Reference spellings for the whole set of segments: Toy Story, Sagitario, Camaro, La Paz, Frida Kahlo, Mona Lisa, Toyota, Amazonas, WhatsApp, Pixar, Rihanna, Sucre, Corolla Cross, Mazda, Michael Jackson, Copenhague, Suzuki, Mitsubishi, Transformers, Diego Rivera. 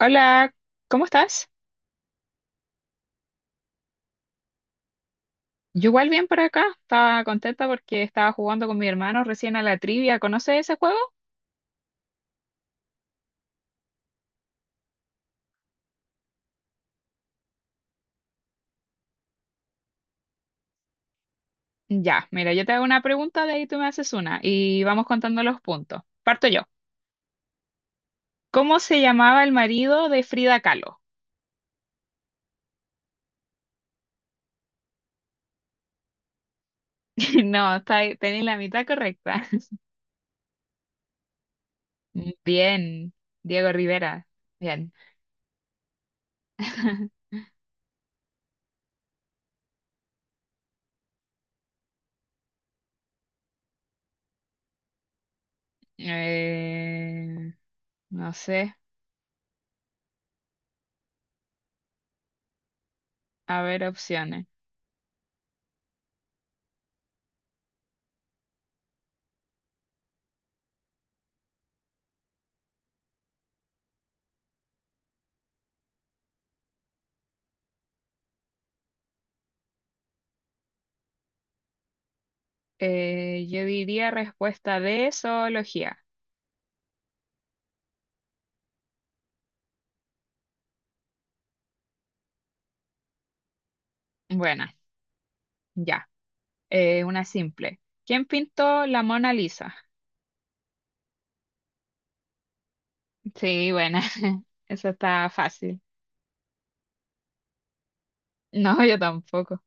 Hola, ¿cómo estás? Yo igual bien por acá. Estaba contenta porque estaba jugando con mi hermano recién a la trivia. ¿Conoces ese juego? Ya, mira, yo te hago una pregunta, de ahí tú me haces una y vamos contando los puntos. Parto yo. ¿Cómo se llamaba el marido de Frida Kahlo? No, tenéis la mitad correcta. Bien, Diego Rivera. Bien. Eh, no sé, a ver opciones. Yo diría respuesta de zoología. Bueno. Ya. Una simple. ¿Quién pintó la Mona Lisa? Sí, buena. Eso está fácil. No, yo tampoco.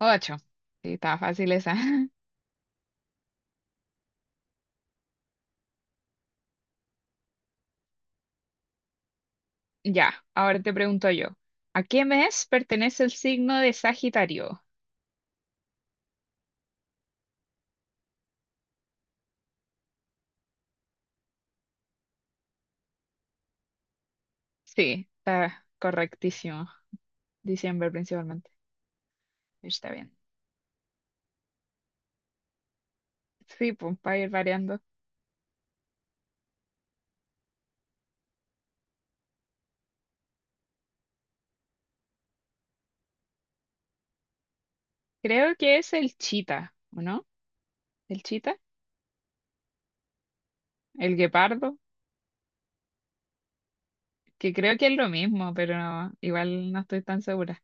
Ocho. Sí, estaba fácil esa. Ya, ahora te pregunto yo. ¿A qué mes pertenece el signo de Sagitario? Sí, está correctísimo. Diciembre principalmente. Está bien. Sí, pues para ir variando. Creo que es el chita, ¿o no? ¿El chita? ¿El guepardo? Que creo que es lo mismo, pero igual no estoy tan segura.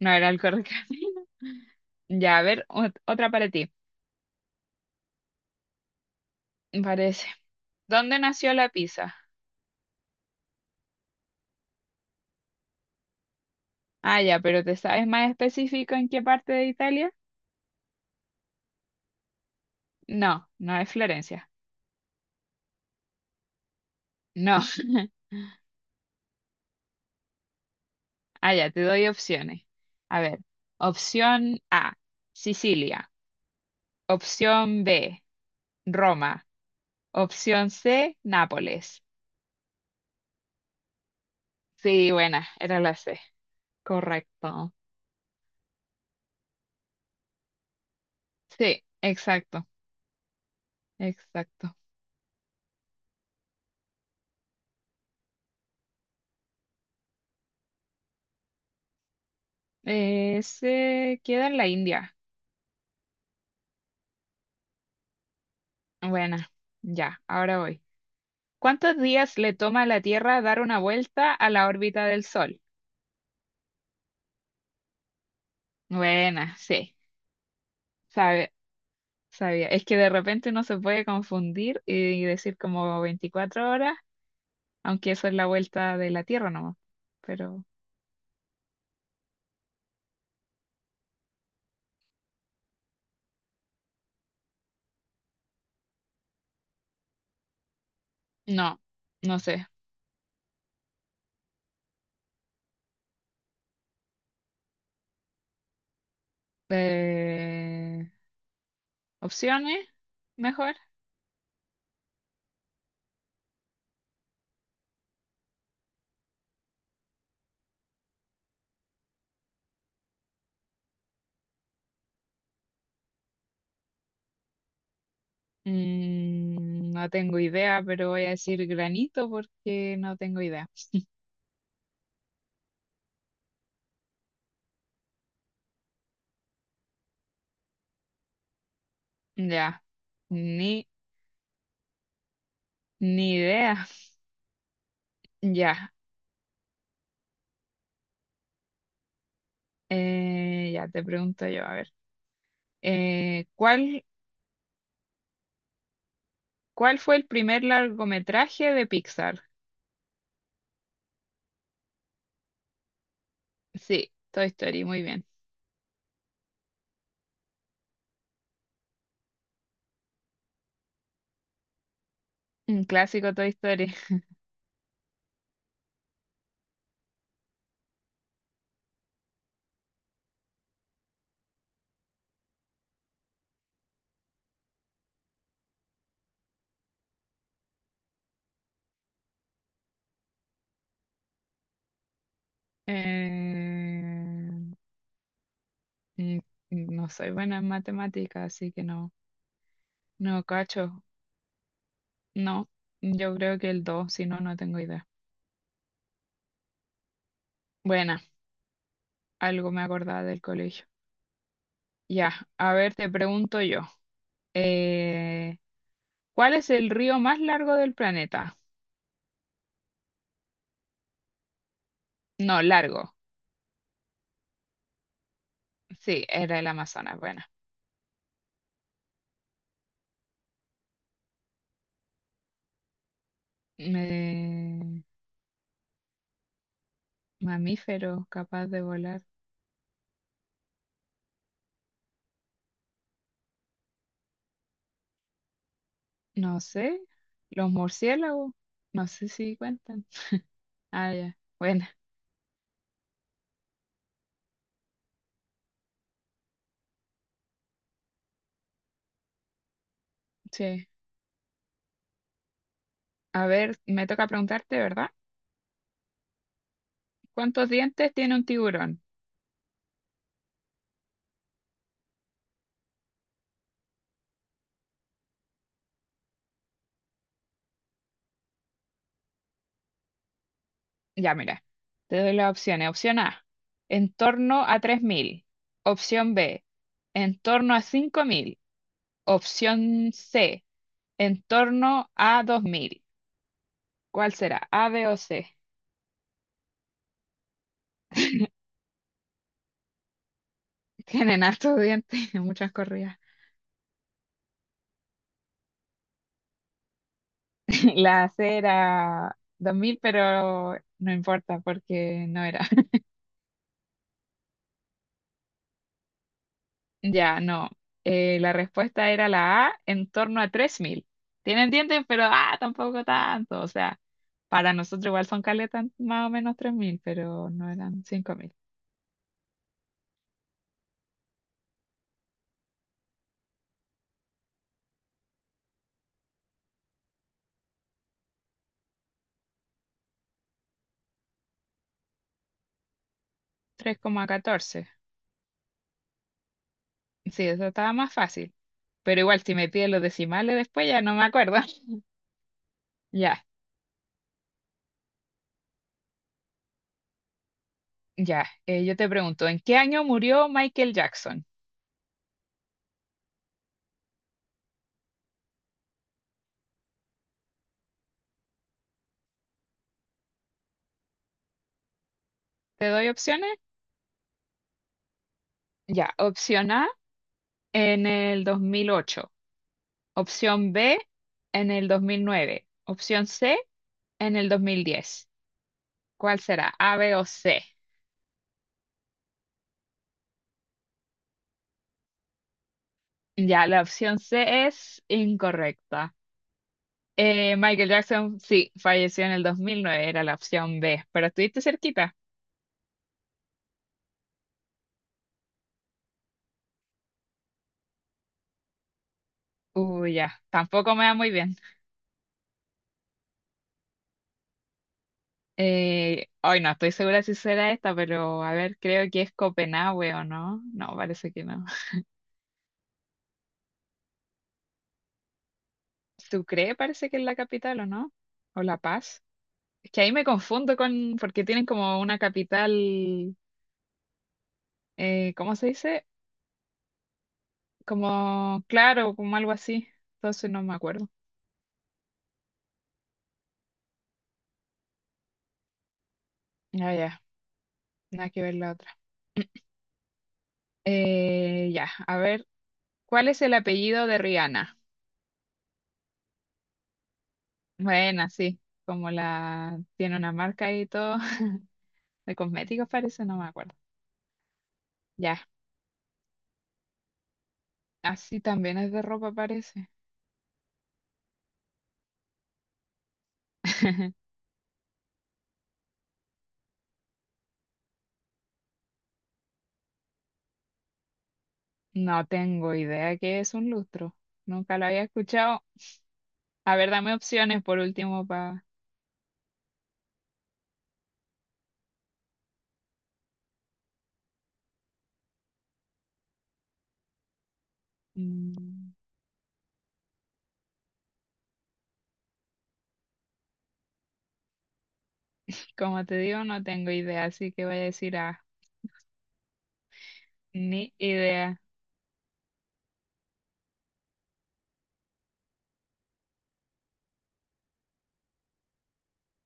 No era el correcto. Ya, a ver, otra para ti, me parece. ¿Dónde nació la pizza? Ah, ya, pero ¿te sabes más específico en qué parte de Italia? No, no es Florencia. No. Ah, ya, te doy opciones. A ver, opción A, Sicilia. Opción B, Roma. Opción C, Nápoles. Sí, buena, era la C. Correcto. Sí, exacto, exacto. Se queda en la India. Buena, ya, ahora voy. ¿Cuántos días le toma a la Tierra dar una vuelta a la órbita del Sol? Buena, sí, sabe, sabía. Es que de repente uno se puede confundir y decir como 24 horas, aunque eso es la vuelta de la Tierra nomás. Pero no, no sé. Eh, ¿Opciones? Mejor. Mm, no tengo idea, pero voy a decir granito porque no tengo idea. Ya, ni, ni idea. Ya. Ya te pregunto yo, a ver. Eh, ¿cuál, cuál fue el primer largometraje de Pixar? Sí, Toy Story, muy bien. Un clásico Toy Story. Eh, mm, mm, no soy buena en matemáticas, así que no cacho. No, yo creo que el dos, si no, no tengo idea. Buena, algo me acordaba del colegio. Ya, a ver, te pregunto yo. Eh, ¿Cuál es el río más largo del planeta? No, largo. Sí, era el Amazonas. Bueno. Eh, Mamíferos capaz de volar. No sé. Los murciélagos. No sé si cuentan. Ah, ya. Bueno, sí. A ver, me toca preguntarte, ¿verdad? ¿Cuántos dientes tiene un tiburón? Ya, mira. Te doy las opciones. Opción A, en torno a 3.000. Opción B, en torno a 5.000. Opción C, en torno a 2.000. ¿Cuál será? ¿A, B o C? Tienen hartos dientes y muchas corridas. La C era 2.000, pero no importa porque no era. Ya, no. La respuesta era la A, en torno a 3.000. Tienen dientes, pero ah, tampoco tanto. O sea, para nosotros igual son caletas más o menos 3.000, pero no eran 5.000. 3,14. Sí, eso estaba más fácil. Pero igual, si me piden los decimales después, ya no me acuerdo. Ya, ya. Yo te pregunto, ¿en qué año murió Michael Jackson? ¿Te doy opciones? Ya, opción A, en el 2008. Opción B, en el 2009. Opción C, en el 2010. ¿Cuál será? ¿A, B o C? Ya, la opción C es incorrecta. Michael Jackson, sí, falleció en el 2009, era la opción B, pero estuviste cerquita. Uy, ya, tampoco me va muy bien. Hoy no estoy segura si será esta, pero a ver, creo que es Copenhague o no. No, parece que no. Sucre parece que es la capital o no, o La Paz. Es que ahí me confundo con, porque tienen como una capital, ¿cómo se dice? Como, claro, como algo así. Entonces no me acuerdo. Ah, ya, nada que ver la otra. Ya, a ver, ¿cuál es el apellido de Rihanna? Bueno, sí, como la tiene una marca y todo, de cosméticos parece, no me acuerdo. Ya, así también es de ropa parece. No tengo idea qué es un lustro. Nunca lo había escuchado. A ver, dame opciones por último para... Como te digo, no tengo idea, así que voy a decir A. Ni idea.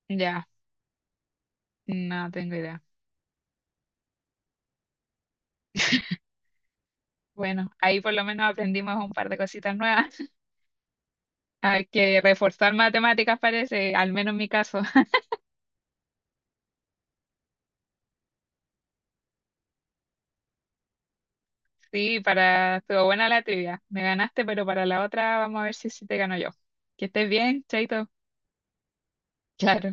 Ya, no tengo idea. Bueno, ahí por lo menos aprendimos un par de cositas nuevas. Hay que reforzar matemáticas, parece, al menos en mi caso. Sí, para... Estuvo buena la trivia. Me ganaste, pero para la otra vamos a ver si, te gano yo. Que estés bien, Chaito. Claro.